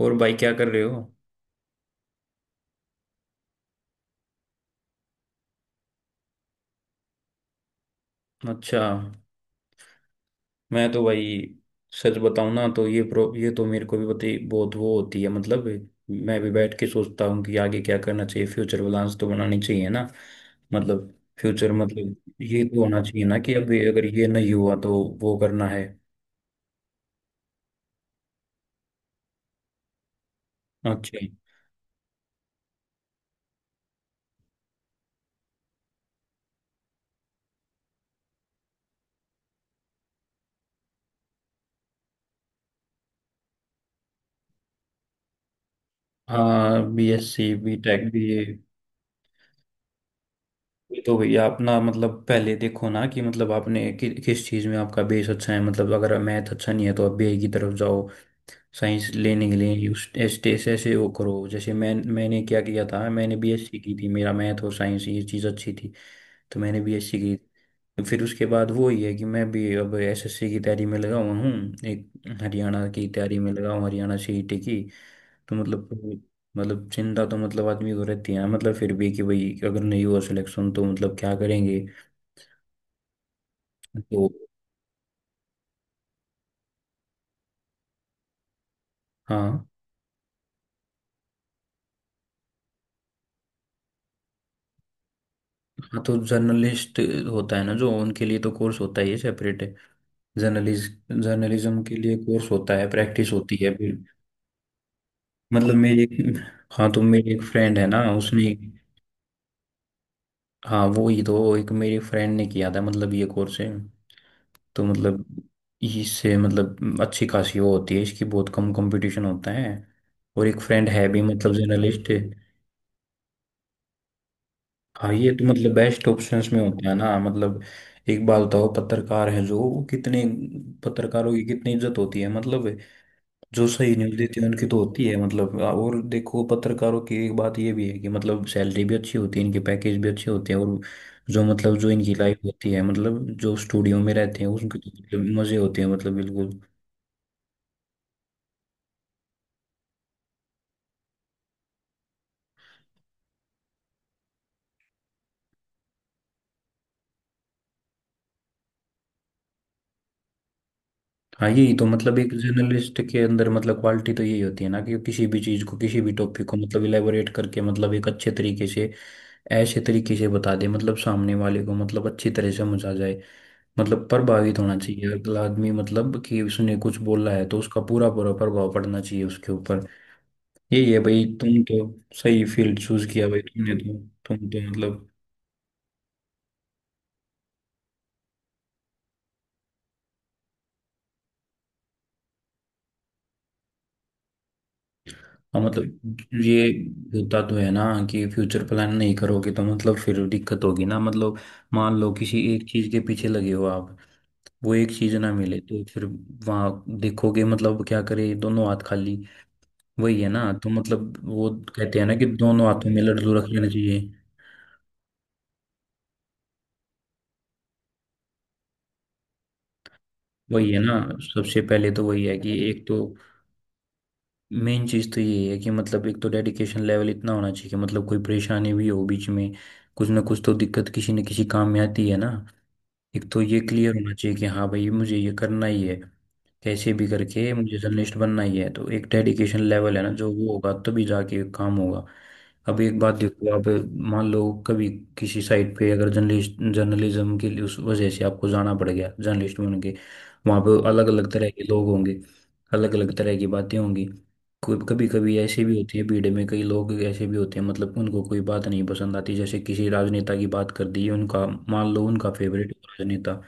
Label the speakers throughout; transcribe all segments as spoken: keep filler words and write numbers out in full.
Speaker 1: और भाई क्या कर रहे हो। अच्छा। मैं तो भाई, सच बताऊं ना तो ये प्रो ये तो मेरे को भी पता, बहुत वो होती है मतलब। मैं भी बैठ के सोचता हूँ कि आगे क्या करना चाहिए, फ्यूचर बैलेंस तो बनानी चाहिए ना। मतलब फ्यूचर, मतलब ये तो होना चाहिए ना कि अब ये- अगर ये नहीं हुआ तो वो करना है। अच्छा। हाँ, B S C, B tech, B. ये तो भैया अपना मतलब पहले देखो ना कि मतलब आपने कि, किस चीज़ में आपका बेस अच्छा है। मतलब अगर मैथ अच्छा नहीं है तो आप बीए की तरफ जाओ। साइंस लेने के लिए यूज टेस्ट ऐसे वो करो। जैसे मैं मैंने क्या किया था, मैंने बीएससी की थी। मेरा मैथ और साइंस ये चीज़ अच्छी थी, तो मैंने बीएससी की। तो फिर उसके बाद वो ही है कि मैं भी अब एसएससी की तैयारी में लगा हुआ हूँ। एक हरियाणा की तैयारी में लगा हूँ, हरियाणा सीईटी की। तो मतलब, मतलब चिंता तो मतलब आदमी को रहती है। मतलब फिर भी कि भाई अगर नहीं हुआ सिलेक्शन तो मतलब क्या करेंगे। तो हाँ। हाँ तो जर्नलिस्ट होता है ना, जो उनके लिए तो कोर्स होता ही है सेपरेट। जर्नलिज जर्नलिज्म के लिए कोर्स होता है, प्रैक्टिस होती है फिर। मतलब मेरी एक, हाँ तो मेरी एक फ्रेंड है ना उसने, हाँ वो ही तो, एक मेरी फ्रेंड ने किया था। मतलब ये कोर्स है तो मतलब इससे मतलब अच्छी खासी वो होती है। इसकी बहुत कम कंपटीशन होता है। और एक फ्रेंड है भी मतलब जर्नलिस्ट। हाँ ये तो मतलब बेस्ट ऑप्शंस में होता है ना मतलब। एक बात बताओ, पत्रकार है जो वो कितने, पत्रकारों की कितनी इज्जत होती है मतलब। जो सही न्यूज़ देती है उनकी तो होती है मतलब। और देखो, पत्रकारों की एक बात ये भी है कि मतलब सैलरी भी अच्छी होती है, इनके पैकेज भी अच्छे होते हैं। और जो मतलब जो इनकी लाइफ होती है मतलब, जो स्टूडियो में रहते हैं उसके तो मतलब मजे होते हैं मतलब, बिल्कुल। हाँ यही तो मतलब, एक जर्नलिस्ट के अंदर मतलब क्वालिटी तो यही होती है ना कि किसी भी चीज़ को, किसी भी टॉपिक को मतलब इलेबोरेट करके मतलब एक अच्छे तरीके से, ऐसे तरीके से बता दे मतलब सामने वाले को मतलब अच्छी तरह समझ आ जाए। मतलब प्रभावित होना चाहिए अगला आदमी मतलब, कि उसने कुछ बोला है तो उसका पूरा पूरा प्रभाव पड़ना चाहिए उसके ऊपर। यही है भाई, तुम तो सही फील्ड चूज किया भाई तुमने तो। तुम तो मतलब, हाँ मतलब ये होता तो है ना कि फ्यूचर प्लान नहीं करोगे तो मतलब फिर दिक्कत होगी ना मतलब। मान लो किसी एक चीज के पीछे लगे हो आप, वो एक चीज ना मिले तो फिर वहाँ देखोगे मतलब क्या करे, दोनों हाथ खाली। वही है ना, तो मतलब वो कहते हैं ना कि दोनों हाथों में लड्डू रख लेना चाहिए। वही है ना। सबसे पहले तो वही है कि एक तो, मेन चीज़ तो यही है कि मतलब एक तो डेडिकेशन लेवल इतना होना चाहिए कि मतलब कोई परेशानी भी हो बीच में, कुछ ना कुछ तो दिक्कत किसी न किसी काम में आती है ना। एक तो ये क्लियर होना चाहिए कि हाँ भाई मुझे ये करना ही है, कैसे भी करके मुझे जर्नलिस्ट बनना ही है। तो एक डेडिकेशन लेवल है ना, जो वो होगा तभी जाके काम होगा। अब एक बात देखो आप, मान लो कभी किसी साइट पे अगर जर्नलिस्ट, जर्नलिज्म के लिए उस वजह से आपको जाना पड़ गया जर्नलिस्ट बन के, वहाँ पे अलग अलग तरह के लोग होंगे, अलग अलग तरह की बातें होंगी। कभी कभी ऐसे भी होती है, भीड़ में कई लोग ऐसे भी होते हैं मतलब उनको कोई बात नहीं पसंद आती। जैसे किसी राजनेता की बात कर दी, उनका मान लो उनका फेवरेट राजनेता,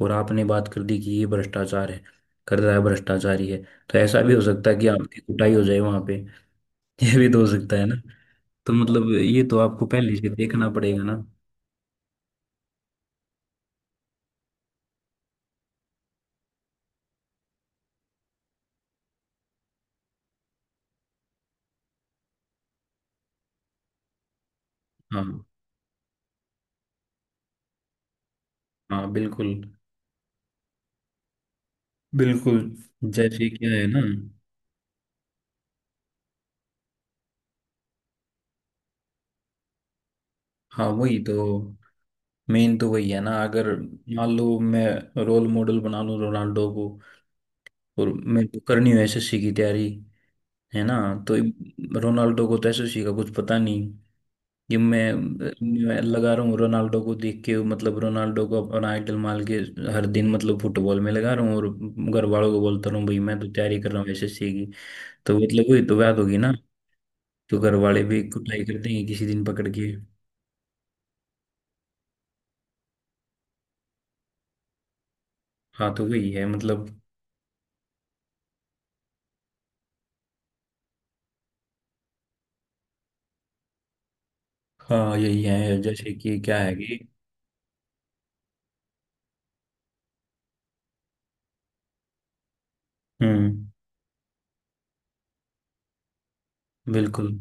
Speaker 1: और आपने बात कर दी कि ये भ्रष्टाचार है, कर रहा है, भ्रष्टाचारी है, तो ऐसा भी हो सकता है कि आपकी कुटाई हो जाए वहां पे ये भी तो हो सकता है ना। तो मतलब ये तो आपको पहले से देखना पड़ेगा ना। हाँ। हाँ बिल्कुल। बिल्कुल जैसे क्या है ना। हाँ वही तो, मेन तो वही है ना। अगर मान लो मैं रोल मॉडल बना लूं रोनाल्डो को, और मेरे को करनी हो एसएससी की तैयारी, है ना। तो रोनाल्डो को तो एसएससी का कुछ पता नहीं कि मैं मैं लगा रहा हूँ रोनाल्डो को देख के, मतलब रोनाल्डो को अपना आइडल मान के हर दिन मतलब फुटबॉल में लगा रहा हूँ, और घर वालों को बोलता रहा हूँ भाई मैं तो तैयारी कर रहा हूँ एसएससी की। तो मतलब वही तो बात होगी ना। तो घर वाले भी कुटाई कर देंगे किसी दिन पकड़ के। हाँ तो वही है मतलब। हाँ यही है, जैसे कि क्या है कि, हम्म। बिल्कुल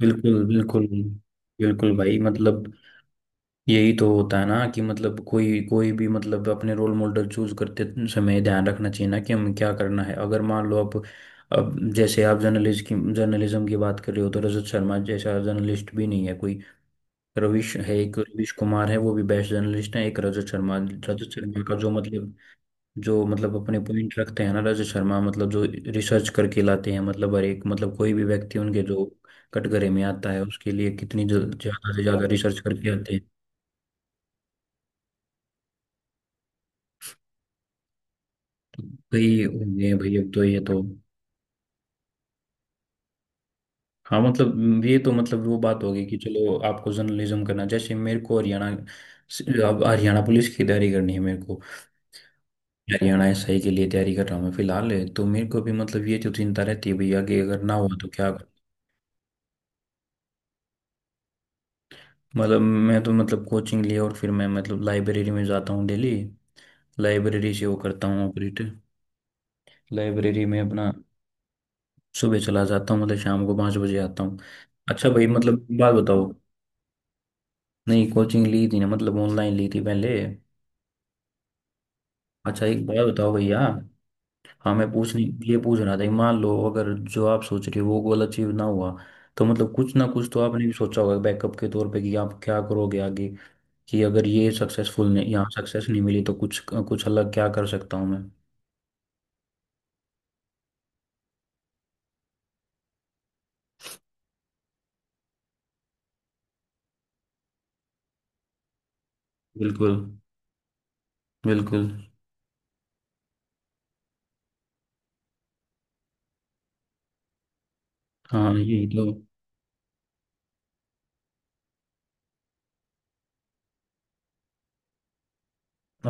Speaker 1: बिल्कुल, बिल्कुल बिल्कुल भाई मतलब यही तो होता है ना कि मतलब कोई कोई भी मतलब अपने रोल मॉडल चूज करते समय ध्यान रखना चाहिए ना कि हमें क्या करना है। अगर मान लो आप, अब जैसे आप जर्नलिस्ट की, जर्नलिज्म की बात कर रहे हो, तो रजत शर्मा जैसा जर्नलिस्ट भी नहीं है कोई। रविश है, एक रविश कुमार है वो भी बेस्ट जर्नलिस्ट है, एक रजत शर्मा। रजत शर्मा का जो मतलब, जो मतलब अपने पॉइंट रखते हैं ना रजत शर्मा, मतलब जो रिसर्च करके लाते हैं मतलब। हर एक मतलब कोई भी व्यक्ति उनके जो कटघरे में आता है, उसके लिए कितनी ज- ज्यादा से ज्यादा रिसर्च करके आते हैं। भाई ये भाई अब तो ये तो, हाँ मतलब ये तो मतलब वो बात होगी कि चलो आपको जर्नलिज्म करना, जैसे मेरे को हरियाणा, अब हरियाणा पुलिस की तैयारी करनी है मेरे को। हरियाणा एसआई के लिए तैयारी कर रहा हूँ मैं फिलहाल। तो मेरे को भी मतलब ये जो चिंता रहती है भैया कि अगर ना हुआ तो क्या कर। मतलब मैं तो मतलब कोचिंग लिया और फिर मैं मतलब लाइब्रेरी में जाता हूँ डेली। लाइब्रेरी से वो करता हूँ ऑपरेट। लाइब्रेरी में अपना सुबह चला जाता हूँ, मतलब शाम को पाँच बजे आता हूँ। अच्छा भाई मतलब बात बताओ, नहीं कोचिंग ली थी ना, मतलब ऑनलाइन ली थी पहले। अच्छा एक बात बताओ भैया, हाँ मैं पूछने, ये पूछ रहा था कि मान लो अगर जो आप सोच रहे हो वो गोल अचीव ना हुआ, तो मतलब कुछ ना कुछ तो आपने भी सोचा होगा बैकअप के तौर पे कि आप क्या करोगे आगे, कि अगर ये सक्सेसफुल नहीं, यहाँ सक्सेस नहीं मिली तो कुछ कुछ अलग क्या कर सकता हूँ मैं। बिल्कुल बिल्कुल। हाँ यही तो।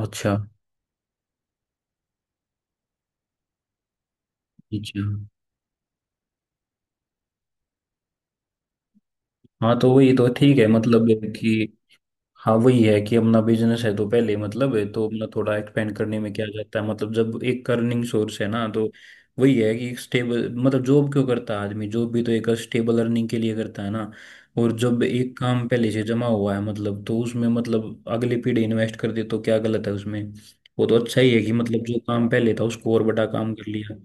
Speaker 1: अच्छा अच्छा। हाँ तो वही तो ठीक है मतलब कि, हाँ वही है कि अपना बिजनेस है तो पहले मतलब है तो अपना, थोड़ा एक्सपेंड करने में क्या जाता है मतलब। जब एक अर्निंग सोर्स है ना तो, वही है कि स्टेबल मतलब जॉब क्यों करता है आदमी, जॉब भी तो एक स्टेबल अर्निंग के लिए करता है ना। और जब एक काम पहले से जमा हुआ है मतलब, तो उसमें मतलब अगली पीढ़ी इन्वेस्ट कर दे तो क्या गलत है उसमें। वो तो अच्छा ही है कि मतलब जो काम पहले था उसको और बड़ा काम कर लिया।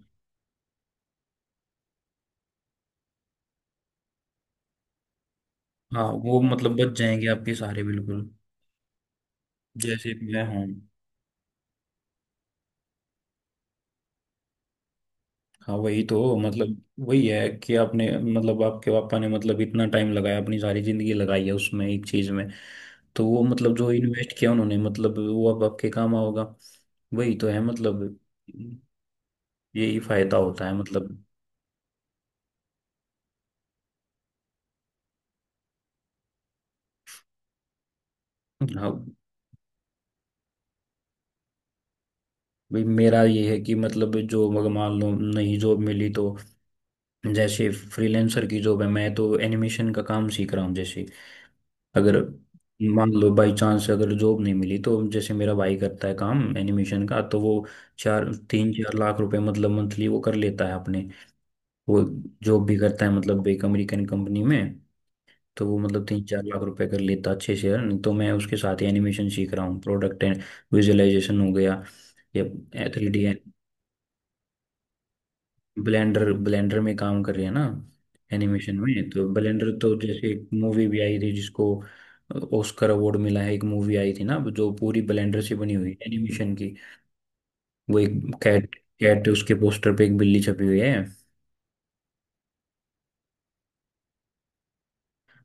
Speaker 1: हाँ वो मतलब बच जाएंगे आपके सारे, बिल्कुल। जैसे मैं हूँ। हाँ वही तो मतलब, वही है कि आपने मतलब आपके पापा ने मतलब इतना टाइम लगाया, अपनी सारी जिंदगी लगाई है उसमें एक चीज में। तो वो मतलब जो इन्वेस्ट किया उन्होंने मतलब वो अब आपके काम आओगा। वही तो है मतलब। यही फायदा होता है मतलब। हाँ भाई मेरा ये है कि मतलब जो, मगर मान लो नहीं जॉब मिली तो, जैसे फ्रीलांसर की जॉब है, मैं तो एनिमेशन का काम सीख रहा हूँ। जैसे अगर मान लो बाई चांस अगर जॉब नहीं मिली, तो जैसे मेरा भाई करता है काम एनिमेशन का, तो वो चार, तीन चार लाख रुपए मतलब मंथली वो कर लेता है अपने। वो जॉब भी करता है मतलब एक अमेरिकन कंपनी में। तो वो मतलब तीन चार लाख रुपए कर लेता है अच्छे से earn। तो मैं उसके साथ ही एनिमेशन सीख रहा हूँ। प्रोडक्ट एंड विजुअलाइजेशन हो गया या थ्री डी। ब्लेंडर, ब्लेंडर में काम कर रही है ना। एनिमेशन में तो ब्लेंडर, तो जैसे एक मूवी भी आई थी जिसको ऑस्कर अवार्ड मिला है। एक मूवी आई थी ना जो पूरी ब्लेंडर से बनी हुई है एनिमेशन की। वो एक कैट, कैट उसके पोस्टर पे एक बिल्ली छपी हुई है।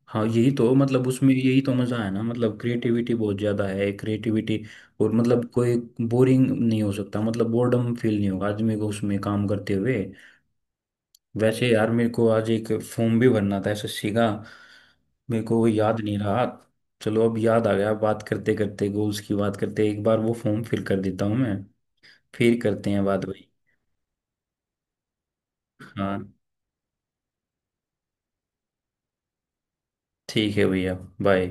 Speaker 1: हाँ यही तो मतलब उसमें यही तो मजा है ना, मतलब क्रिएटिविटी बहुत ज्यादा है, क्रिएटिविटी। और मतलब कोई बोरिंग नहीं हो सकता, मतलब बोर्डम फील नहीं होगा आदमी को उसमें काम करते हुए। वैसे यार मेरे को आज एक फॉर्म भी भरना था एसएससी का, मेरे को वो याद नहीं रहा। चलो अब याद आ गया बात करते करते, गोल्स की बात करते एक बार वो फॉर्म फिल कर देता हूँ मैं, फिर करते हैं बात भाई। हाँ ठीक है भैया। बाय।